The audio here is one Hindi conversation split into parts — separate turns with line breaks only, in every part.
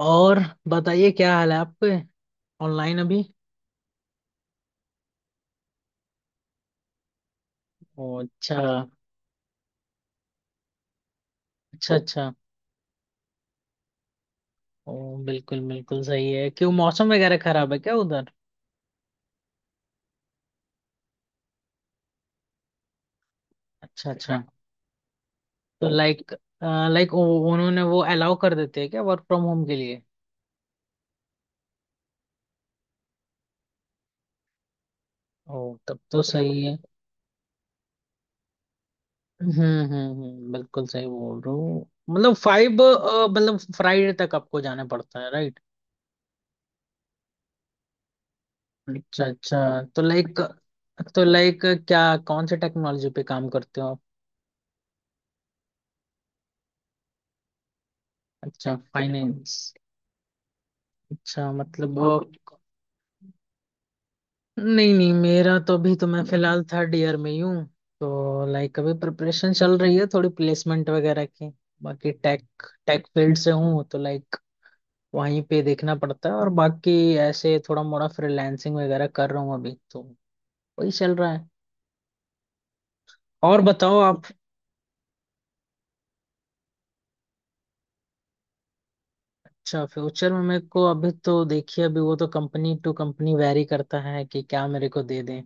और बताइए, क्या हाल है आपके? ऑनलाइन अभी? ओ अच्छा। अच्छा अच्छा। ओ बिल्कुल बिल्कुल सही है। क्यों, मौसम वगैरह खराब है क्या उधर? अच्छा अच्छा। तो लाइक लाइक उन्होंने वो अलाउ कर देते हैं क्या वर्क फ्रॉम होम के लिए? ओ, तब तो सही है। हम्म हम्म। बिल्कुल सही बोल रहा हूँ, मतलब फाइव मतलब फ्राइडे तक आपको जाना पड़ता है, राइट? अच्छा अच्छा। तो लाइक क्या कौन से टेक्नोलॉजी पे काम करते हो आप? अच्छा, फाइनेंस। अच्छा, मतलब वो। नहीं नहीं, मेरा तो, अभी तो मैं फिलहाल थर्ड ईयर में ही हूँ। तो लाइक, अभी प्रिपरेशन चल रही है थोड़ी, प्लेसमेंट वगैरह की। बाकी टेक टेक फील्ड से हूँ, तो लाइक वहीं पे देखना पड़ता है। और बाकी ऐसे थोड़ा मोड़ा फ्रीलांसिंग वगैरह कर रहा हूँ, अभी तो वही चल रहा है। और बताओ आप। अच्छा, फ्यूचर में मेरे को, अभी तो देखिए, अभी वो तो कंपनी टू कंपनी वेरी करता है कि क्या मेरे को दे दें,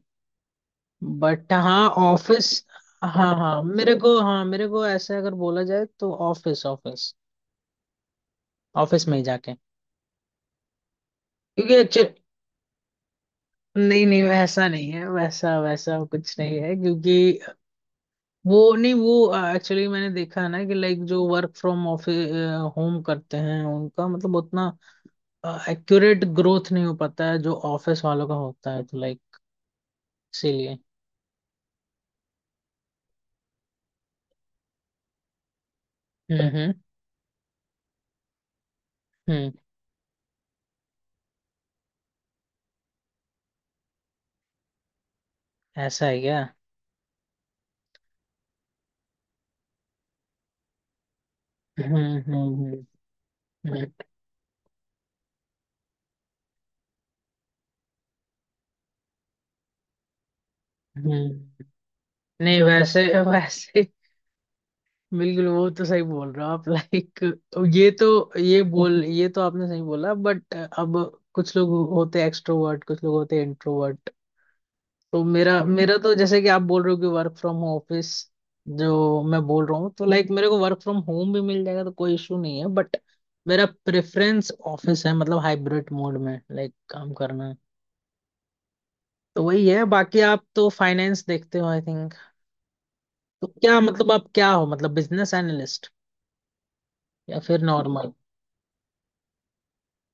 बट हाँ, ऑफिस। हाँ हाँ मेरे को, मेरे को ऐसे अगर बोला जाए तो ऑफिस, ऑफिस, ऑफिस में ही जाके। क्योंकि अच्छे, नहीं नहीं, वैसा नहीं है, वैसा वैसा कुछ नहीं है। क्योंकि वो नहीं वो एक्चुअली मैंने देखा है ना कि लाइक जो वर्क फ्रॉम ऑफिस होम करते हैं, उनका मतलब उतना एक्यूरेट ग्रोथ नहीं हो पाता है जो ऑफिस वालों का होता है। तो लाइक, इसीलिए। हम्म हम्म हम्म। ऐसा है क्या? हम्म हम्म हम्म हम्म हम्म। नहीं, वैसे वैसे बिल्कुल, वो तो सही बोल रहे हो आप। लाइक, ये तो ये तो आपने सही बोला, बट अब कुछ लोग होते एक्सट्रोवर्ट, कुछ लोग होते इंट्रोवर्ट। तो मेरा मेरा तो जैसे कि आप बोल रहे हो कि वर्क फ्रॉम ऑफिस, जो मैं बोल रहा हूँ, तो लाइक मेरे को वर्क फ्रॉम होम भी मिल जाएगा तो कोई इशू नहीं है, बट मेरा प्रेफरेंस ऑफिस है, मतलब हाइब्रिड मोड में लाइक काम करना है। तो वही है। बाकी आप तो फाइनेंस देखते हो, आई थिंक। तो क्या मतलब, आप क्या हो, मतलब बिजनेस एनालिस्ट या फिर नॉर्मल?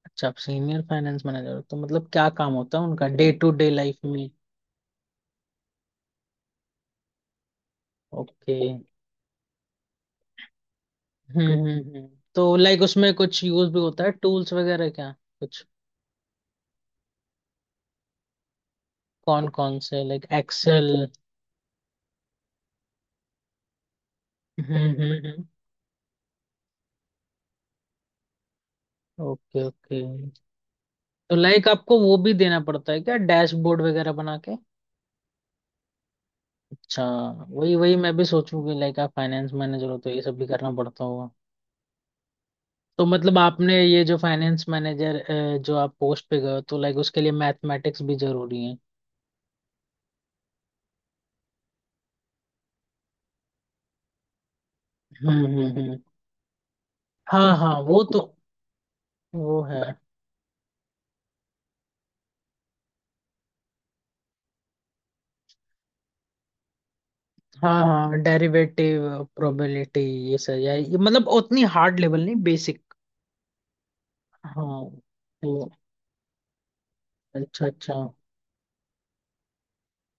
अच्छा, आप सीनियर फाइनेंस मैनेजर, तो मतलब क्या काम होता है उनका डे टू डे लाइफ में? ओके। Hmm hmm hmm. तो लाइक उसमें कुछ यूज भी होता है, टूल्स वगैरह क्या कुछ? कौन कौन से? Like excel? Hmm hmm. Okay okay. तो लाइक आपको वो भी देना पड़ता है क्या, डैशबोर्ड वगैरह बना के? अच्छा। वही वही मैं भी सोचूं कि लाइक आप फाइनेंस मैनेजर हो, तो ये सब भी करना पड़ता होगा। तो मतलब आपने ये जो फाइनेंस मैनेजर जो आप पोस्ट पे गए हो, तो लाइक उसके लिए मैथमेटिक्स भी जरूरी है? हम्म। हाँ हाँ, वो तो वो है। हाँ हाँ, डेरिवेटिव, प्रोबेबिलिटी, ये सही है? ये मतलब उतनी हार्ड लेवल नहीं, बेसिक। हाँ। तो अच्छा अच्छा।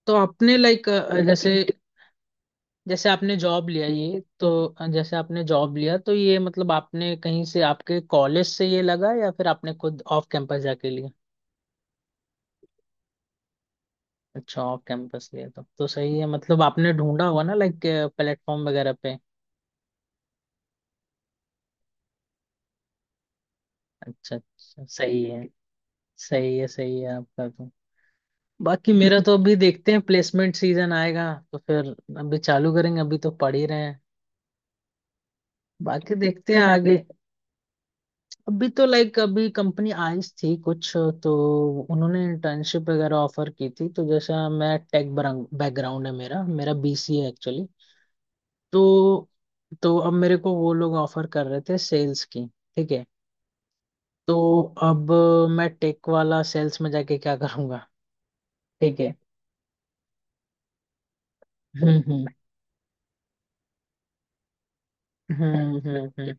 तो आपने लाइक, जैसे जैसे आपने जॉब लिया ये तो अ, जैसे आपने जॉब लिया, तो ये मतलब आपने कहीं से, आपके कॉलेज से ये लगा या फिर आपने खुद ऑफ कैंपस जाके लिया? अच्छा, ऑफ कैंपस लिया, तो सही है। मतलब आपने ढूंढा हुआ ना लाइक, प्लेटफॉर्म वगैरह पे? अच्छा अच्छा, सही है, सही है। सही है आपका तो। बाकी मेरा तो अभी देखते हैं, प्लेसमेंट सीजन आएगा तो फिर अभी चालू करेंगे, अभी तो पढ़ ही रहे हैं। बाकी देखते हैं आगे। अभी तो लाइक, अभी कंपनी आई थी कुछ, तो उन्होंने इंटर्नशिप वगैरह ऑफर की थी। तो जैसा, मैं टेक बैकग्राउंड है मेरा मेरा बीसी है एक्चुअली। तो तो अब मेरे को वो लोग ऑफर कर रहे थे सेल्स की। ठीक है, तो अब मैं टेक वाला सेल्स में जाके क्या करूंगा? ठीक है। हम्म हम्म हम्म।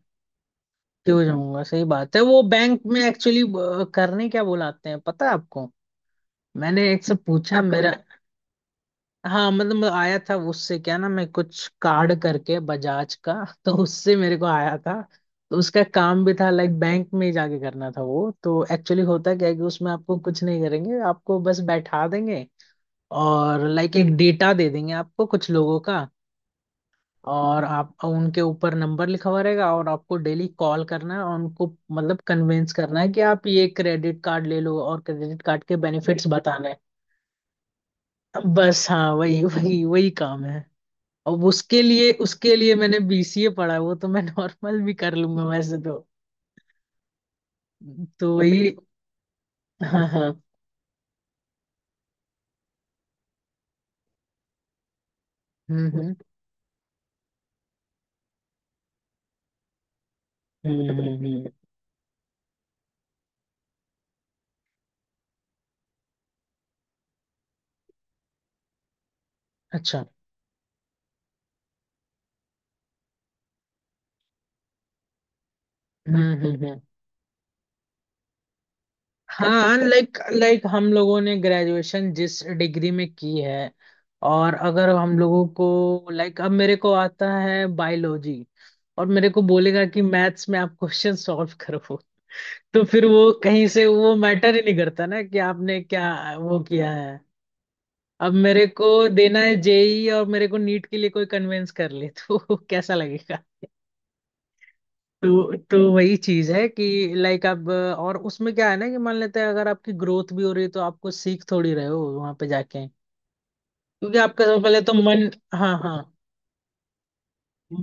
क्यों जाऊंगा, सही बात है। वो बैंक में एक्चुअली, करने क्या बुलाते हैं पता है आपको? मैंने एक से पूछा मेरा। हाँ, मतलब आया था। उससे क्या ना, मैं कुछ कार्ड करके बजाज का तो उससे मेरे को आया था। तो उसका काम भी था लाइक बैंक में ही जाके करना था। वो तो एक्चुअली होता क्या है कि उसमें आपको कुछ नहीं करेंगे, आपको बस बैठा देंगे, और लाइक एक डेटा दे देंगे आपको, कुछ लोगों का, और आप, उनके ऊपर नंबर लिखा हुआ रहेगा और आपको डेली कॉल करना है और उनको मतलब कन्विंस करना है कि आप ये क्रेडिट कार्ड ले लो और क्रेडिट कार्ड के बेनिफिट्स बताने हैं, बस। हाँ, वही वही वही काम है। अब उसके लिए मैंने बीसीए पढ़ा है, वो तो मैं नॉर्मल भी कर लूंगा वैसे तो। तो वही। हाँ हाँ। हम्म हम्म हम्म। अच्छा। हम्म। हाँ, लाइक लाइक हम लोगों ने ग्रेजुएशन जिस डिग्री में की है, और अगर हम लोगों को लाइक, अब मेरे को आता है बायोलॉजी और मेरे को बोलेगा कि मैथ्स में आप क्वेश्चन सॉल्व करो तो फिर वो कहीं से, वो मैटर ही नहीं करता ना कि आपने क्या वो किया है। अब मेरे को देना है जेई और मेरे को नीट के लिए कोई कन्वेंस कर ले तो कैसा लगेगा? तो वही चीज है कि लाइक आप। और उसमें क्या है ना कि मान लेते हैं, अगर आपकी ग्रोथ भी हो रही है, तो आपको सीख थोड़ी रहे हो वहां पे जाके। क्योंकि आपका सबसे पहले तो मन। हाँ हाँ,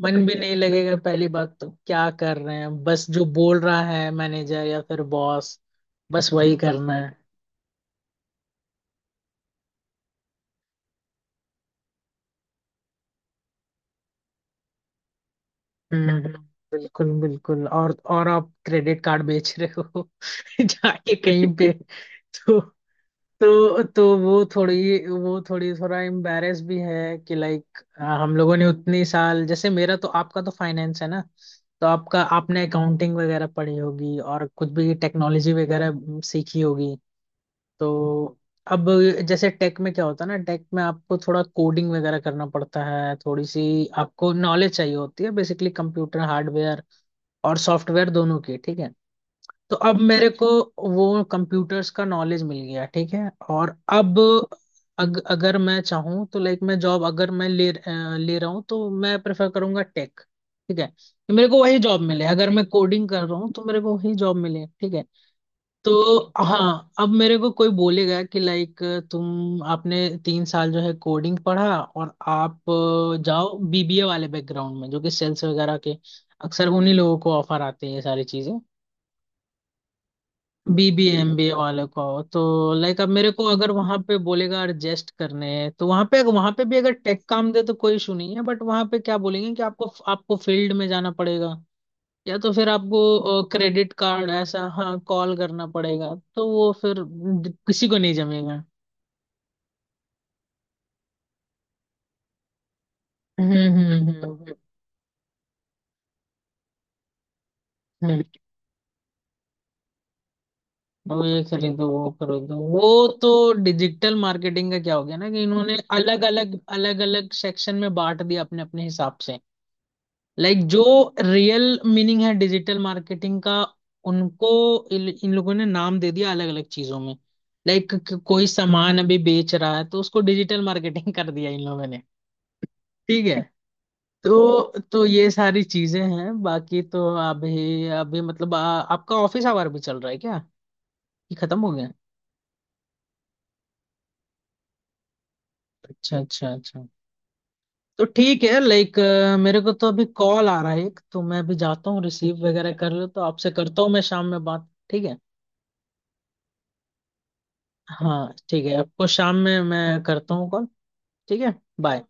मन भी नहीं लगेगा, पहली बात। तो क्या कर रहे हैं, बस जो बोल रहा है मैनेजर या फिर बॉस, बस वही करना है। हम्म हम्म, बिल्कुल बिल्कुल। और आप क्रेडिट कार्ड बेच रहे हो जाके कहीं पे? तो तो वो थोड़ी थोड़ा एम्बैरेस भी है कि लाइक हम लोगों ने उतनी साल, जैसे मेरा तो, आपका तो फाइनेंस है ना, तो आपका आपने अकाउंटिंग वगैरह पढ़ी होगी और कुछ भी टेक्नोलॉजी वगैरह सीखी होगी। तो अब जैसे टेक में क्या होता है ना, टेक में आपको थोड़ा कोडिंग वगैरह करना पड़ता है थोड़ी सी। आपको नॉलेज चाहिए होती है बेसिकली, कंप्यूटर हार्डवेयर और सॉफ्टवेयर दोनों की, ठीक है। तो अब मेरे को वो कंप्यूटर्स का नॉलेज मिल गया, ठीक है, और अब अगर मैं चाहूँ तो लाइक मैं जॉब, अगर मैं ले रहा हूँ, तो मैं प्रेफर करूंगा टेक, ठीक है, कि मेरे को वही जॉब मिले, अगर मैं कोडिंग कर रहा हूँ तो मेरे को वही जॉब मिले, ठीक है। तो हाँ, अब मेरे को कोई बोलेगा कि लाइक, तुम आपने तीन साल जो है कोडिंग पढ़ा और आप जाओ बीबीए वाले बैकग्राउंड में, जो कि सेल्स वगैरह के अक्सर उन्हीं लोगों को ऑफर आते हैं ये सारी चीजें, बीबीएमबी वाले को। तो लाइक अब मेरे को अगर वहां पे बोलेगा एडजस्ट करने हैं, तो वहां पे भी अगर टेक काम दे तो कोई इशू नहीं है, बट वहां पे क्या बोलेंगे कि आपको आपको फील्ड में जाना पड़ेगा, या तो फिर आपको क्रेडिट कार्ड ऐसा हाँ कॉल करना पड़ेगा, तो वो फिर किसी को नहीं जमेगा। हम्म हम्म हम्म हम्म, वो ये खरीदो वो खरीदो, वो तो डिजिटल मार्केटिंग का क्या हो गया ना कि इन्होंने अलग अलग अलग अलग सेक्शन में बांट दिया अपने अपने हिसाब से। लाइक जो रियल मीनिंग है डिजिटल मार्केटिंग का, उनको इन इन लोगों ने नाम दे दिया अलग अलग चीजों में। लाइक कोई सामान अभी बेच रहा है तो उसको डिजिटल मार्केटिंग कर दिया इन लोगों ने। ठीक है, तो ये सारी चीजें हैं। बाकी तो अभी अभी मतलब, आपका ऑफिस आवर भी चल रहा है क्या? ये खत्म हो गया? अच्छा अच्छा अच्छा। तो ठीक है लाइक, मेरे को तो अभी कॉल आ रहा है एक, तो मैं अभी जाता हूँ, रिसीव वगैरह कर लो, तो आपसे करता हूँ मैं शाम में बात, ठीक है। हाँ ठीक है, आपको शाम में मैं करता हूँ कॉल। ठीक है। बाय।